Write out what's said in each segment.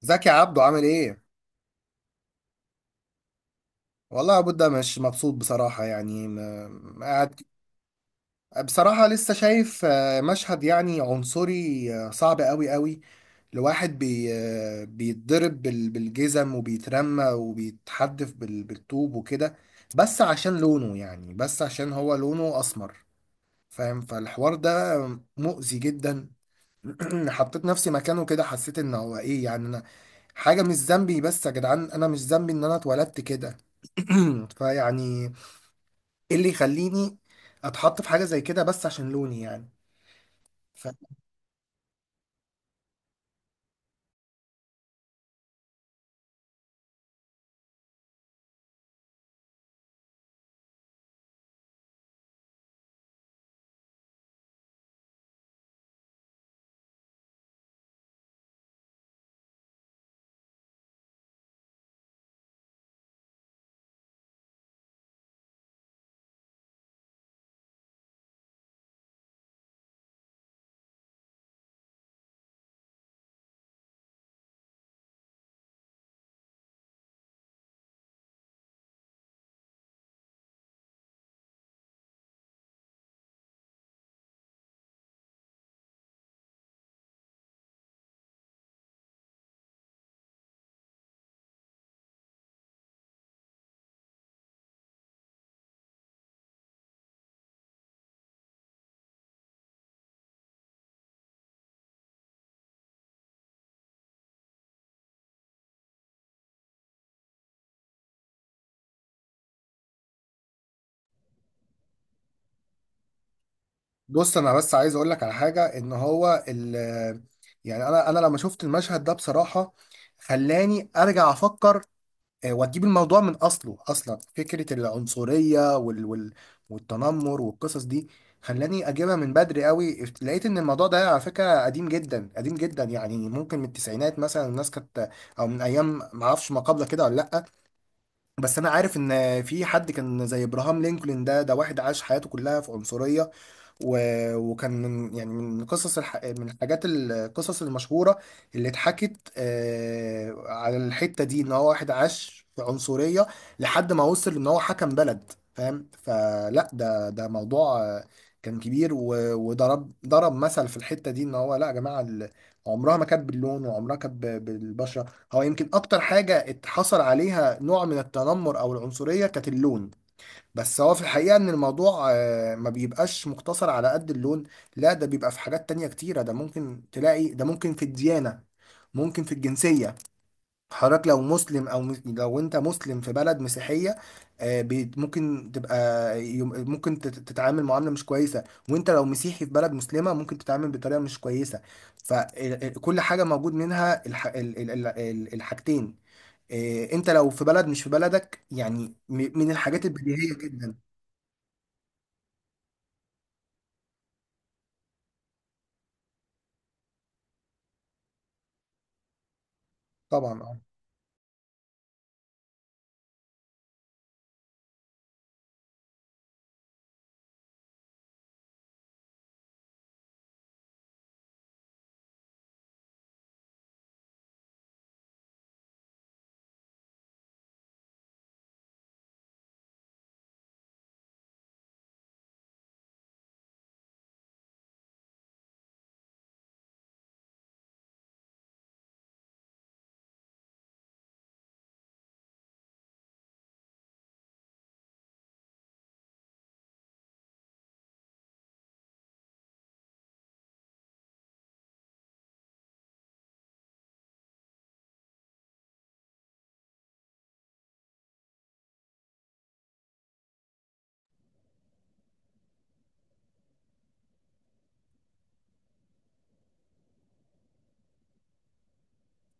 زكي عبده عامل ايه؟ والله يا بودة مش مبسوط بصراحة، يعني قاعد بصراحة لسه شايف مشهد يعني عنصري، صعب قوي قوي لواحد بي آه، بيتضرب بالجزم وبيترمى وبيتحدف بالطوب وكده، بس عشان لونه، يعني بس عشان هو لونه أسمر. فاهم؟ فالحوار ده مؤذي جدا. حطيت نفسي مكانه كده، حسيت ان هو ايه يعني حاجة مش ذنبي. بس يا جدعان أنا مش ذنبي إن أنا اتولدت كده. فيعني إيه اللي يخليني أتحط في حاجة زي كده بس عشان لوني يعني؟ ف- بص أنا بس عايز أقول لك على حاجة، إن هو ال يعني أنا لما شفت المشهد ده بصراحة خلاني أرجع أفكر، وتجيب الموضوع من اصله، اصلا فكره العنصريه والتنمر والقصص دي خلاني اجيبها من بدري قوي. لقيت ان الموضوع ده على فكره قديم جدا، قديم جدا، يعني ممكن من التسعينات مثلا الناس كانت، او من ايام ما اعرفش ما قبل كده ولا لا. بس انا عارف ان في حد كان زي ابراهام لينكولن، ده واحد عاش حياته كلها في عنصريه، وكان من يعني من قصص من الحاجات القصص المشهورة اللي اتحكت على الحتة دي، ان هو واحد عاش في عنصرية لحد ما وصل ان هو حكم بلد. فاهم؟ فلا ده موضوع كان كبير، وضرب ضرب مثل في الحتة دي ان هو لا يا جماعة، عمرها ما كانت باللون، وعمرها كانت بالبشرة. هو يمكن اكتر حاجة اتحصل عليها نوع من التنمر او العنصرية كانت اللون، بس هو في الحقيقة ان الموضوع ما بيبقاش مقتصر على قد اللون. لا، ده بيبقى في حاجات تانية كتيرة، ده ممكن تلاقي ده ممكن في الديانة، ممكن في الجنسية. حضرتك لو مسلم او لو انت مسلم في بلد مسيحية، ممكن تبقى ممكن تتعامل معاملة مش كويسة، وانت لو مسيحي في بلد مسلمة ممكن تتعامل بطريقة مش كويسة. فكل حاجة موجود منها الحاجتين، انت لو في بلد مش في بلدك، يعني من الحاجات البديهية جدا. طبعا اه.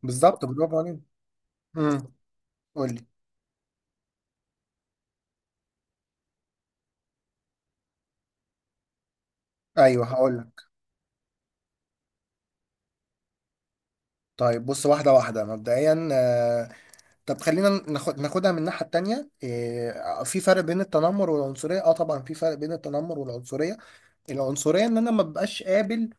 بالظبط، برافو عليك. امم، قول لي. ايوه هقول لك. طيب بص، واحده واحده مبدئيا، طب خلينا ناخدها من الناحيه التانيه، في فرق بين التنمر والعنصريه؟ اه طبعا في فرق بين التنمر والعنصريه. العنصريه ان انا ما ببقاش قابل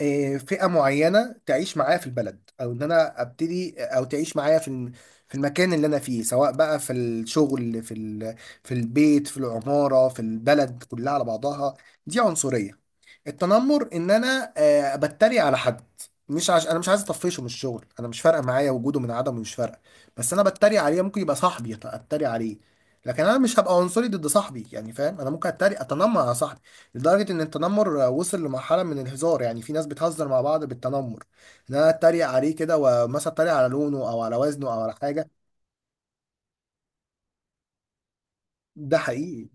فئه معينه تعيش معايا في البلد، او ان انا ابتدي او تعيش معايا في المكان اللي انا فيه، سواء بقى في الشغل، في البيت، في العماره، في البلد كلها على بعضها. دي عنصريه. التنمر ان انا، بتريق على حد، مش عش... انا مش عايز اطفشه من الشغل، انا مش فارقه معايا وجوده من عدمه، مش فارقه، بس انا بتريق عليه، ممكن يبقى صاحبي اتريق عليه، لكن انا مش هبقى عنصري ضد صاحبي. يعني فاهم؟ انا ممكن اتريق اتنمر على صاحبي لدرجه ان التنمر وصل لمرحله من الهزار، يعني في ناس بتهزر مع بعض بالتنمر ان انا اتريق عليه كده، ومثلا اتريق على لونه او على وزنه او على حاجه. ده حقيقي.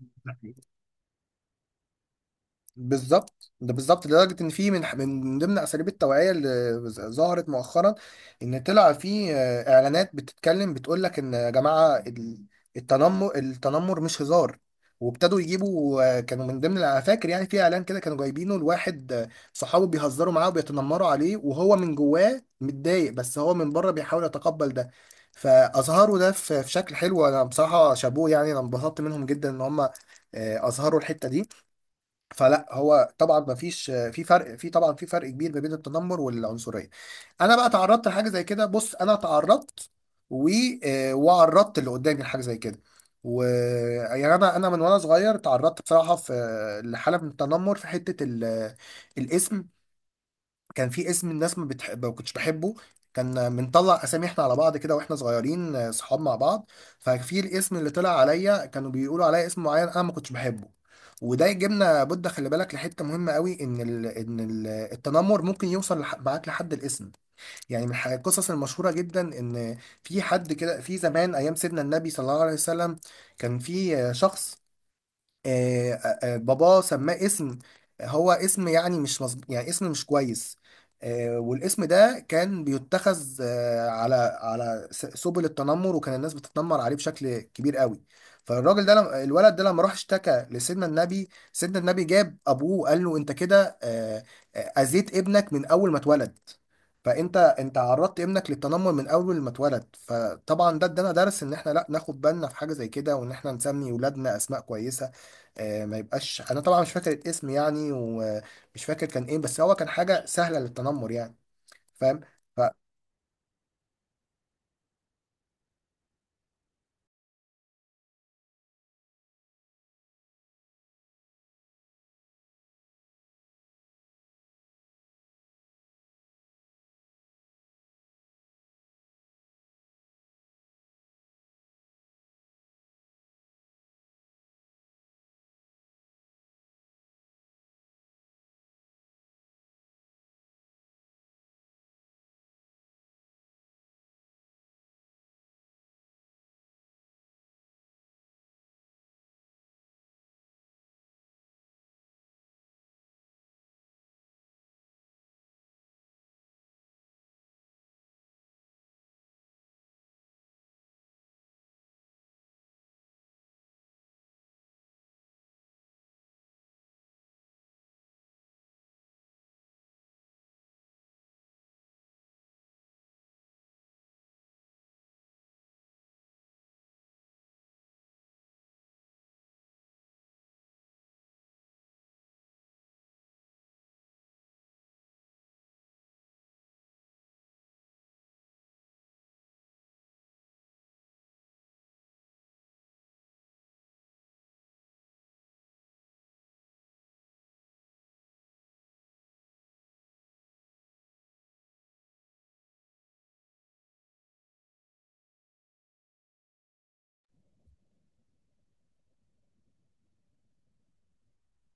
بالظبط، ده بالظبط، لدرجة إن في من ضمن أساليب التوعية اللي ظهرت مؤخرا، إن طلع في إعلانات بتتكلم بتقول لك إن يا جماعة، التنمر مش هزار. وابتدوا يجيبوا، كانوا من ضمن، أنا فاكر يعني، في إعلان كده كانوا جايبينه لواحد، صحابه بيهزروا معاه وبيتنمروا عليه وهو من جواه متضايق بس هو من بره بيحاول يتقبل ده. فأظهروا ده في في شكل حلو، أنا بصراحة شابوه يعني، أنا انبسطت منهم جدا إن هم أظهروا الحتة دي. فلا هو طبعا ما فيش، في طبعا في فرق كبير ما بين التنمر والعنصريه. انا بقى تعرضت لحاجه زي كده. بص، انا تعرضت، و وعرضت اللي قدامي لحاجه زي كده. و يعني انا من وانا صغير تعرضت بصراحه في لحاله من التنمر، في حته الاسم. كان في اسم الناس ما بتحب ما كنتش بحبه، كان بنطلع اسامي احنا على بعض كده واحنا صغيرين، صحاب مع بعض، ففي الاسم اللي طلع عليا كانوا بيقولوا عليا اسم معين انا ما كنتش بحبه. وده يجيبنا بودة، خلي بالك لحته مهمه قوي، ان ال ان ال التنمر ممكن يوصل معاك لحد الاسم. يعني من القصص المشهوره جدا، ان في حد كده في زمان ايام سيدنا النبي صلى الله عليه وسلم، كان في شخص، آه، باباه سماه اسم، هو اسم يعني مش مظبوط، يعني اسم مش كويس، والاسم ده كان بيتخذ على سبل التنمر، وكان الناس بتتنمر عليه بشكل كبير قوي. الولد ده لما راح اشتكى لسيدنا النبي، سيدنا النبي جاب ابوه وقال له انت كده اذيت ابنك من اول ما اتولد، انت عرضت ابنك للتنمر من اول ما اتولد. فطبعا ده ادانا درس ان احنا لا ناخد بالنا في حاجه زي كده، وان احنا نسمي ولادنا اسماء كويسه، ما يبقاش، انا طبعا مش فاكر الاسم يعني، ومش فاكر كان ايه، بس هو كان حاجه سهله للتنمر يعني. فاهم؟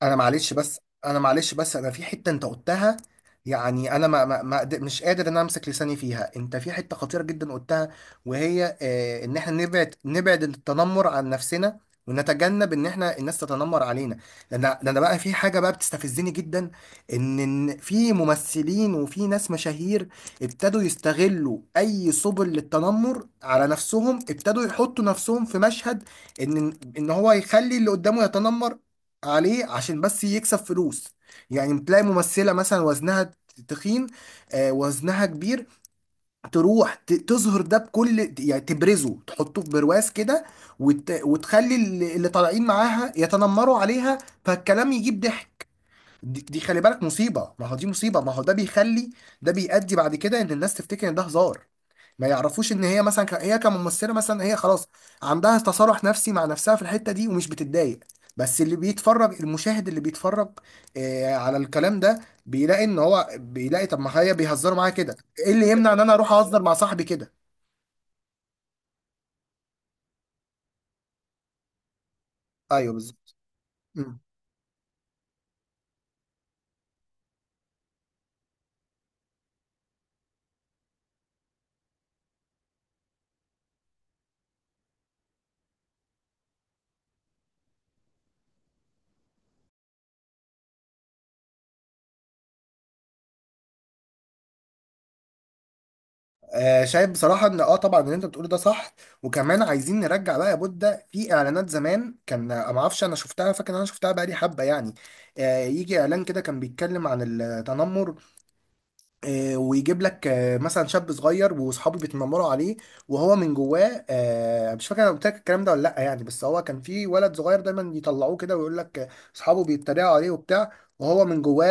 انا معلش بس، انا في حته انت قلتها، يعني انا ما ما ما قد- مش قادر ان أنا امسك لساني فيها. انت في حته خطيره جدا قلتها، وهي ان احنا نبعد التنمر عن نفسنا، ونتجنب ان احنا الناس تتنمر علينا، لان بقى في حاجه بقى بتستفزني جدا. ان إن في ممثلين وفي ناس مشاهير ابتدوا يستغلوا اي سبل للتنمر على نفسهم، ابتدوا يحطوا نفسهم في مشهد ان هو يخلي اللي قدامه يتنمر عليه عشان بس يكسب فلوس. يعني تلاقي ممثلة مثلا وزنها تخين، وزنها كبير، تروح تظهر ده بكل يعني تبرزه تحطه في برواز كده، وتخلي اللي طالعين معاها يتنمروا عليها، فالكلام يجيب ضحك. دي خلي بالك مصيبة، ما هو دي مصيبة، ما هو ده بيخلي، ده بيؤدي بعد كده ان الناس تفتكر ان ده هزار. ما يعرفوش ان هي مثلا هي كممثلة مثلا هي خلاص عندها تصالح نفسي مع نفسها في الحتة دي ومش بتتضايق، بس اللي بيتفرج، المشاهد اللي بيتفرج على الكلام ده بيلاقي ان هو بيلاقي، طب ما هي بيهزروا معايا كده، ايه اللي يمنع ان انا اروح اهزر مع صاحبي كده؟ ايوه بالظبط. شايف بصراحة ان اه طبعا اللي انت بتقوله ده صح. وكمان عايزين نرجع بقى يا بودة، في اعلانات زمان كان ما اعرفش، انا شفتها، فاكر إن انا شفتها بقى لي حبة يعني، يجي اعلان كده كان بيتكلم عن التنمر، ويجيب لك مثلا شاب صغير واصحابه بيتنمروا عليه وهو من جواه، مش فاكر انا قلت لك الكلام ده ولا لا يعني، بس هو كان في ولد صغير دايما يطلعوه كده ويقول لك اصحابه بيتريقوا عليه وبتاع وهو من جواه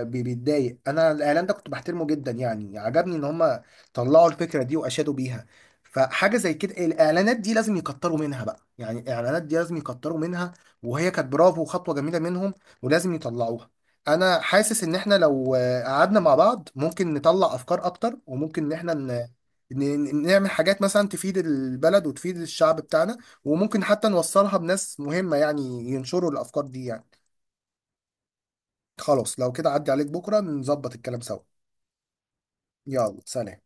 بيتضايق. انا الاعلان ده كنت بحترمه جدا يعني، عجبني ان هم طلعوا الفكره دي واشادوا بيها. فحاجه زي كده الاعلانات دي لازم يكتروا منها بقى، يعني الاعلانات دي لازم يكتروا منها، وهي كانت برافو وخطوه جميله منهم، ولازم يطلعوها. انا حاسس ان احنا لو قعدنا مع بعض ممكن نطلع افكار اكتر، وممكن ان احنا نعمل حاجات مثلا تفيد البلد وتفيد الشعب بتاعنا، وممكن حتى نوصلها بناس مهمة يعني، ينشروا الافكار دي يعني. خلاص لو كده عدي عليك بكرة نظبط الكلام سوا. يلا سلام.